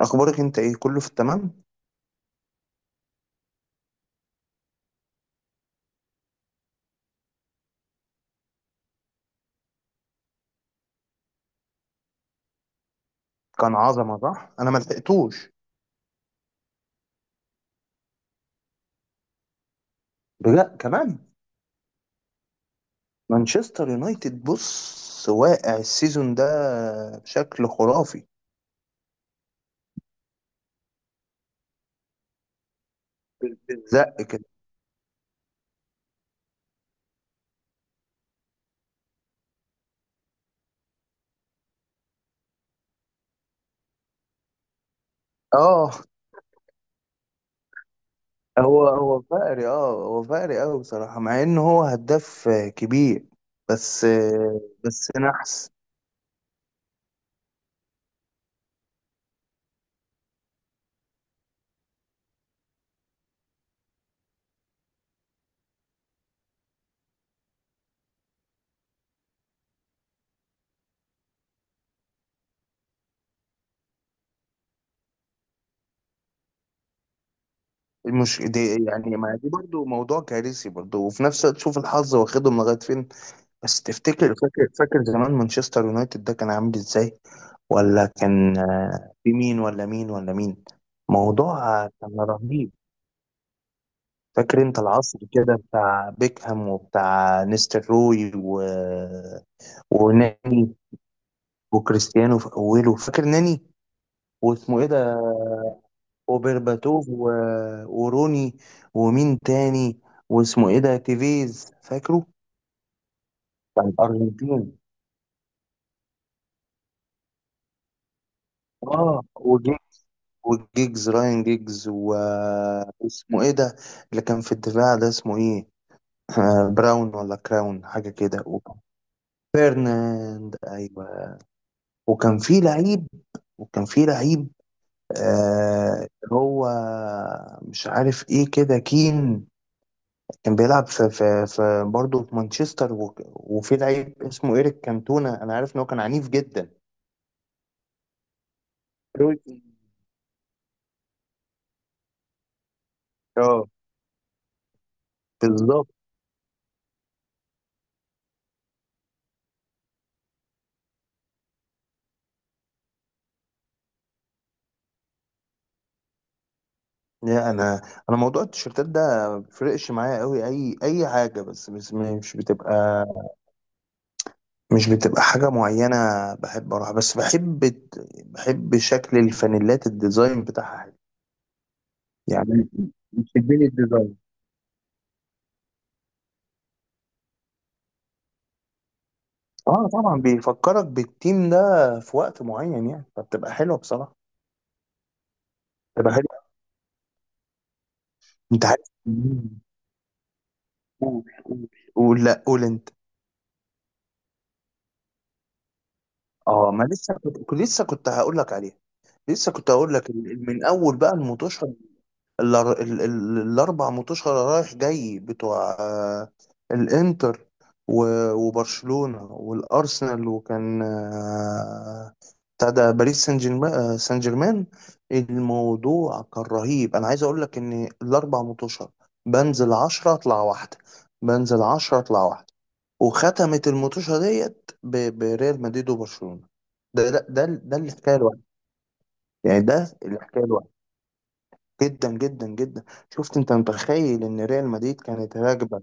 اخبارك انت ايه؟ كله في التمام. كان عظمه، صح؟ انا ما لحقتوش. لا، كمان. مانشستر يونايتد، بص، واقع السيزون ده بشكل خرافي. بالزق كده. اه، هو فقري. قوي بصراحه، مع ان هو هداف كبير. بس نحس. مش دي يعني، ما دي برضو موضوع كارثي برضو. وفي نفس الوقت، شوف الحظ واخدهم لغايه فين. بس تفتكر، فاكر زمان مانشستر يونايتد ده كان عامل ازاي؟ ولا كان، في مين ولا مين ولا مين؟ موضوع كان رهيب. فاكر انت العصر كده بتاع بيكهام وبتاع نيستر روي وناني وكريستيانو في اوله، فاكر ناني؟ واسمه ايه ده، وبرباتوف وروني ومين تاني واسمه ايه ده، تيفيز، فاكره؟ بتاع الارجنتين. اه، وجيجز، راين جيجز، واسمه ايه ده؟ اللي كان في الدفاع ده اسمه ايه؟ آه، براون ولا كراون، حاجة كده، فيرناند، ايوه. وكان في لعيب وكان في لعيب، آه، هو مش عارف ايه كده، كين. كان بيلعب في برضه في مانشستر، وفي لعيب اسمه ايريك كانتونا. انا عارف ان هو كان عنيف جدا. روي كين. اه، بالظبط. لا، انا موضوع التيشيرتات ده ما بيفرقش معايا قوي. اي حاجه، بس مش بتبقى، حاجه معينه. بحب اروح، بس بحب شكل الفانيلات، الديزاين بتاعها حلو، يعني. بتشدني الديزاين. اه، طبعا، بيفكرك بالتيم ده في وقت معين، يعني. فبتبقى حلوه بصراحه، بتبقى حلوه. انت عارف. قول قول. قول، لا، قول انت. اه، ما لسه، كنت لسه هقول لك عليها. لسه كنت هقول لك، من اول بقى الموتوشه. الاربع متوشة رايح جاي، بتوع الانتر وبرشلونة والارسنال. وكان بتاع ده باريس سان جيرمان، سان جيرمان. الموضوع كان رهيب. انا عايز اقول لك ان الاربع متوشة، بنزل عشرة اطلع واحدة، بنزل عشرة اطلع واحدة. وختمت المتوشة ديت بريال مدريد وبرشلونة. ده الحكاية الواحدة، يعني. ده الحكاية الواحدة. جدا جدا جدا. شفت، انت متخيل ان ريال مدريد كانت راكبه؟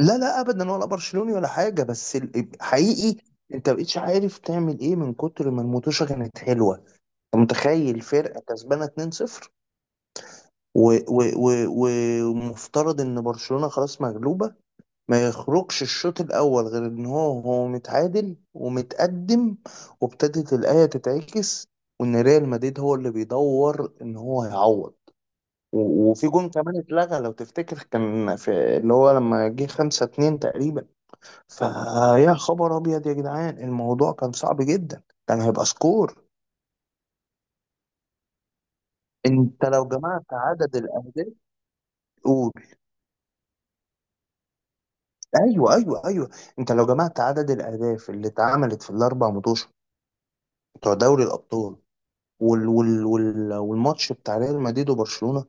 لا لا، ابدا، ولا برشلوني ولا حاجه. بس حقيقي، انت مبقتش عارف تعمل ايه من كتر ما المطوشه كانت حلوه. انت متخيل فرقه كسبانه 2-0، ومفترض ان برشلونه خلاص مغلوبه. ما يخرجش الشوط الاول غير ان هو متعادل ومتقدم، وابتدت الايه تتعكس، وان ريال مدريد هو اللي بيدور ان هو يعوض. وفي جون كمان اتلغى لو تفتكر، كان في، اللي هو لما جه خمسة اتنين تقريبا. فيا خبر ابيض يا جدعان، الموضوع كان صعب جدا، كان هيبقى سكور. انت لو جمعت عدد الاهداف، قول. ايوه، ايوه، ايوه. انت لو جمعت عدد الاهداف اللي اتعملت في الاربع ماتش بتوع دوري الابطال، والماتش بتاع ريال مدريد وبرشلونة.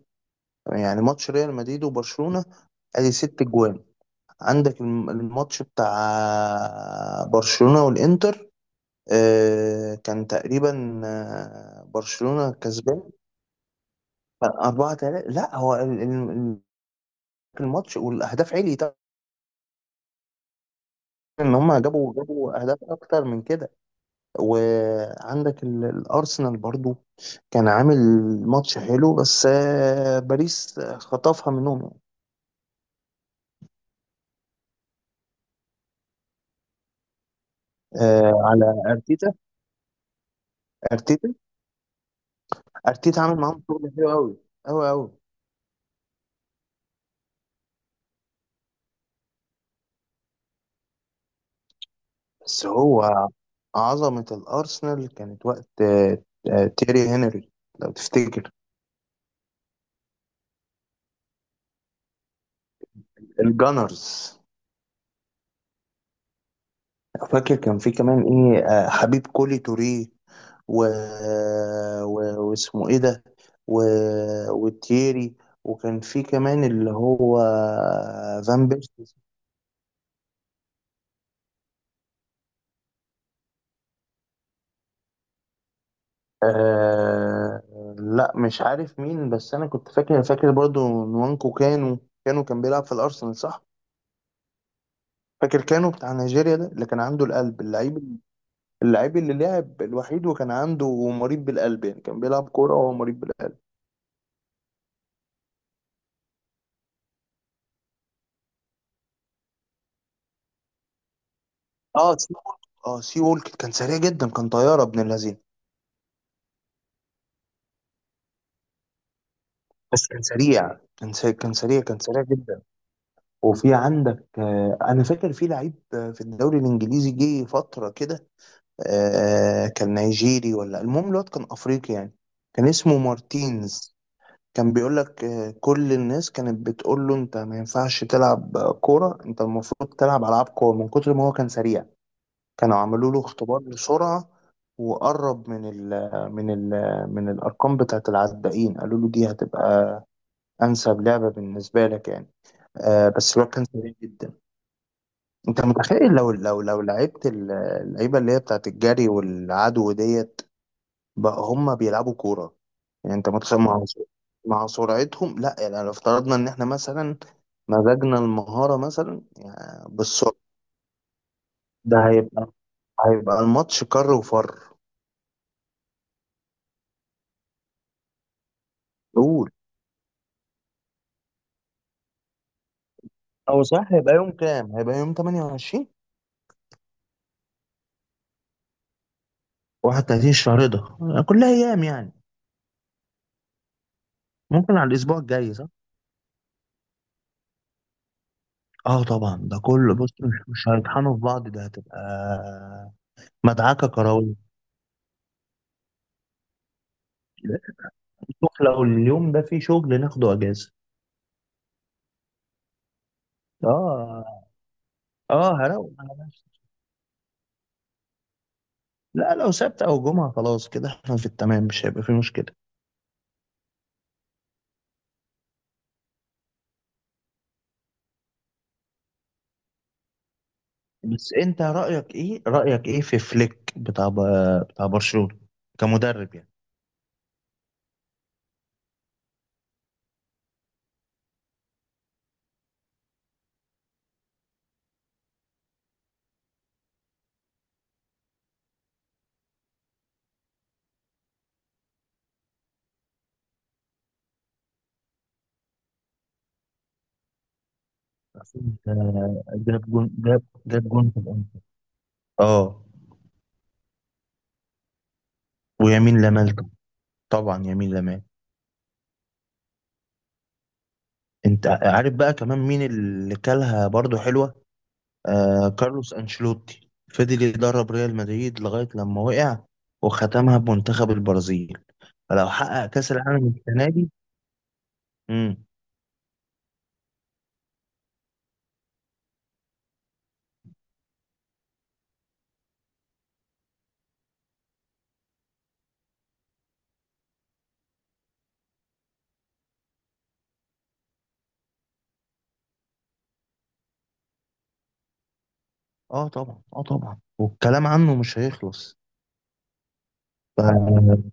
يعني ماتش ريال مدريد وبرشلونة، ادي ست جوان. عندك الماتش بتاع برشلونة والانتر، آه، كان تقريبا، آه، برشلونة كسبان 4-3. لا، هو الماتش، والاهداف عليت، ان هم جابوا اهداف اكتر من كده. وعندك الارسنال برضو، كان عامل ماتش حلو، بس آه، باريس خطفها منهم يعني. آه، على ارتيتا. ارتيتا ارتيتا عامل معاهم شغل حلو قوي، قوي قوي. بس هو، عظمة الارسنال كانت وقت تيري هنري، لو تفتكر. الجانرز. فاكر كان في كمان ايه، آه، حبيب كولي توري، و... و... واسمه ايه ده، و... وتييري، وكان في كمان اللي هو فان بيرسي. آه... لا، مش عارف مين. بس انا كنت فاكر برضو، نوانكو كانو. كان بيلعب في الارسنال، صح؟ فاكر كانو بتاع نيجيريا ده، اللي كان عنده القلب، اللعيب. اللي لعب الوحيد، وكان عنده، مريض بالقلب يعني، كان بيلعب كورة وهو مريض بالقلب. اه سي وولك اه، سي وولك كان سريع جدا، كان طياره ابن اللذين. بس كان سريع، كان سريع، كان سريع، كان سريع جدا. وفي عندك، انا فاكر في لعيب، في الدوري الانجليزي جه فتره كده، كان نيجيري، ولا المهم، الواد كان افريقي يعني، كان اسمه مارتينز. كان بيقول لك، كل الناس كانت بتقول له، انت ما ينفعش تلعب، كوره. انت المفروض تلعب العاب كوره، من كتر ما هو كان سريع. كانوا عملوا له اختبار بسرعة، وقرب من ال من ال من الأرقام بتاعة العدائين. قالوا له دي هتبقى أنسب لعبة بالنسبة لك، يعني. بس الواد كان سريع جدا. أنت متخيل، لو لعبت اللعيبة اللي هي بتاعة الجري والعدو ديت، بقى هما بيلعبوا كورة؟ يعني أنت متخيل مع سرعتهم، لا يعني، لو افترضنا إن إحنا مثلا مزجنا المهارة مثلا، يعني، بالسرعة، ده هيبقى هيبقى الماتش كر وفر. قول. او، صح، هيبقى يوم كام؟ هيبقى يوم 28، 31 الشهر ده، كلها ايام يعني. ممكن على الاسبوع الجاي، صح. اه طبعا، ده كله، بص، مش هيطحنوا في بعض، ده هتبقى مدعكه كرويه. نروح، لو اليوم ده فيه شغل ناخده اجازه. اه، اه، هروق على نفسي. لا، لو سبت او جمعه، خلاص كده احنا في التمام، مش هيبقى فيه مشكله. بس انت رايك ايه، في فليك بتاع بتاع برشلونه، كمدرب يعني؟ أصل انت، جاب جون في الأول. اه، ويمين لمال. طبعا يمين لمال. انت عارف بقى كمان مين اللي كلها برضو حلوة؟ آه، كارلوس انشيلوتي. فضل يدرب ريال مدريد لغاية لما وقع، وختمها بمنتخب البرازيل. فلو حقق كأس العالم السنة دي. امم اه طبعا، اه طبعا، والكلام عنه مش هيخلص. ف-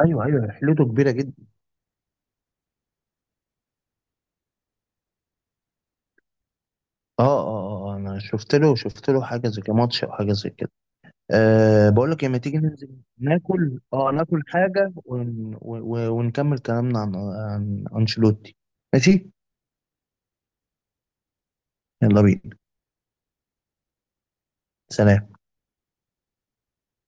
ايوه، ايوه، رحلته كبيرة جدا. اه، اه، اه، آه، انا شفت له حاجة زي كده، ماتش او حاجة زي كده. أه، بقول لك، لما تيجي ننزل ناكل، ناكل حاجة، ونكمل كلامنا عن، أنشيلوتي. ماشي. يلا بينا. سلام.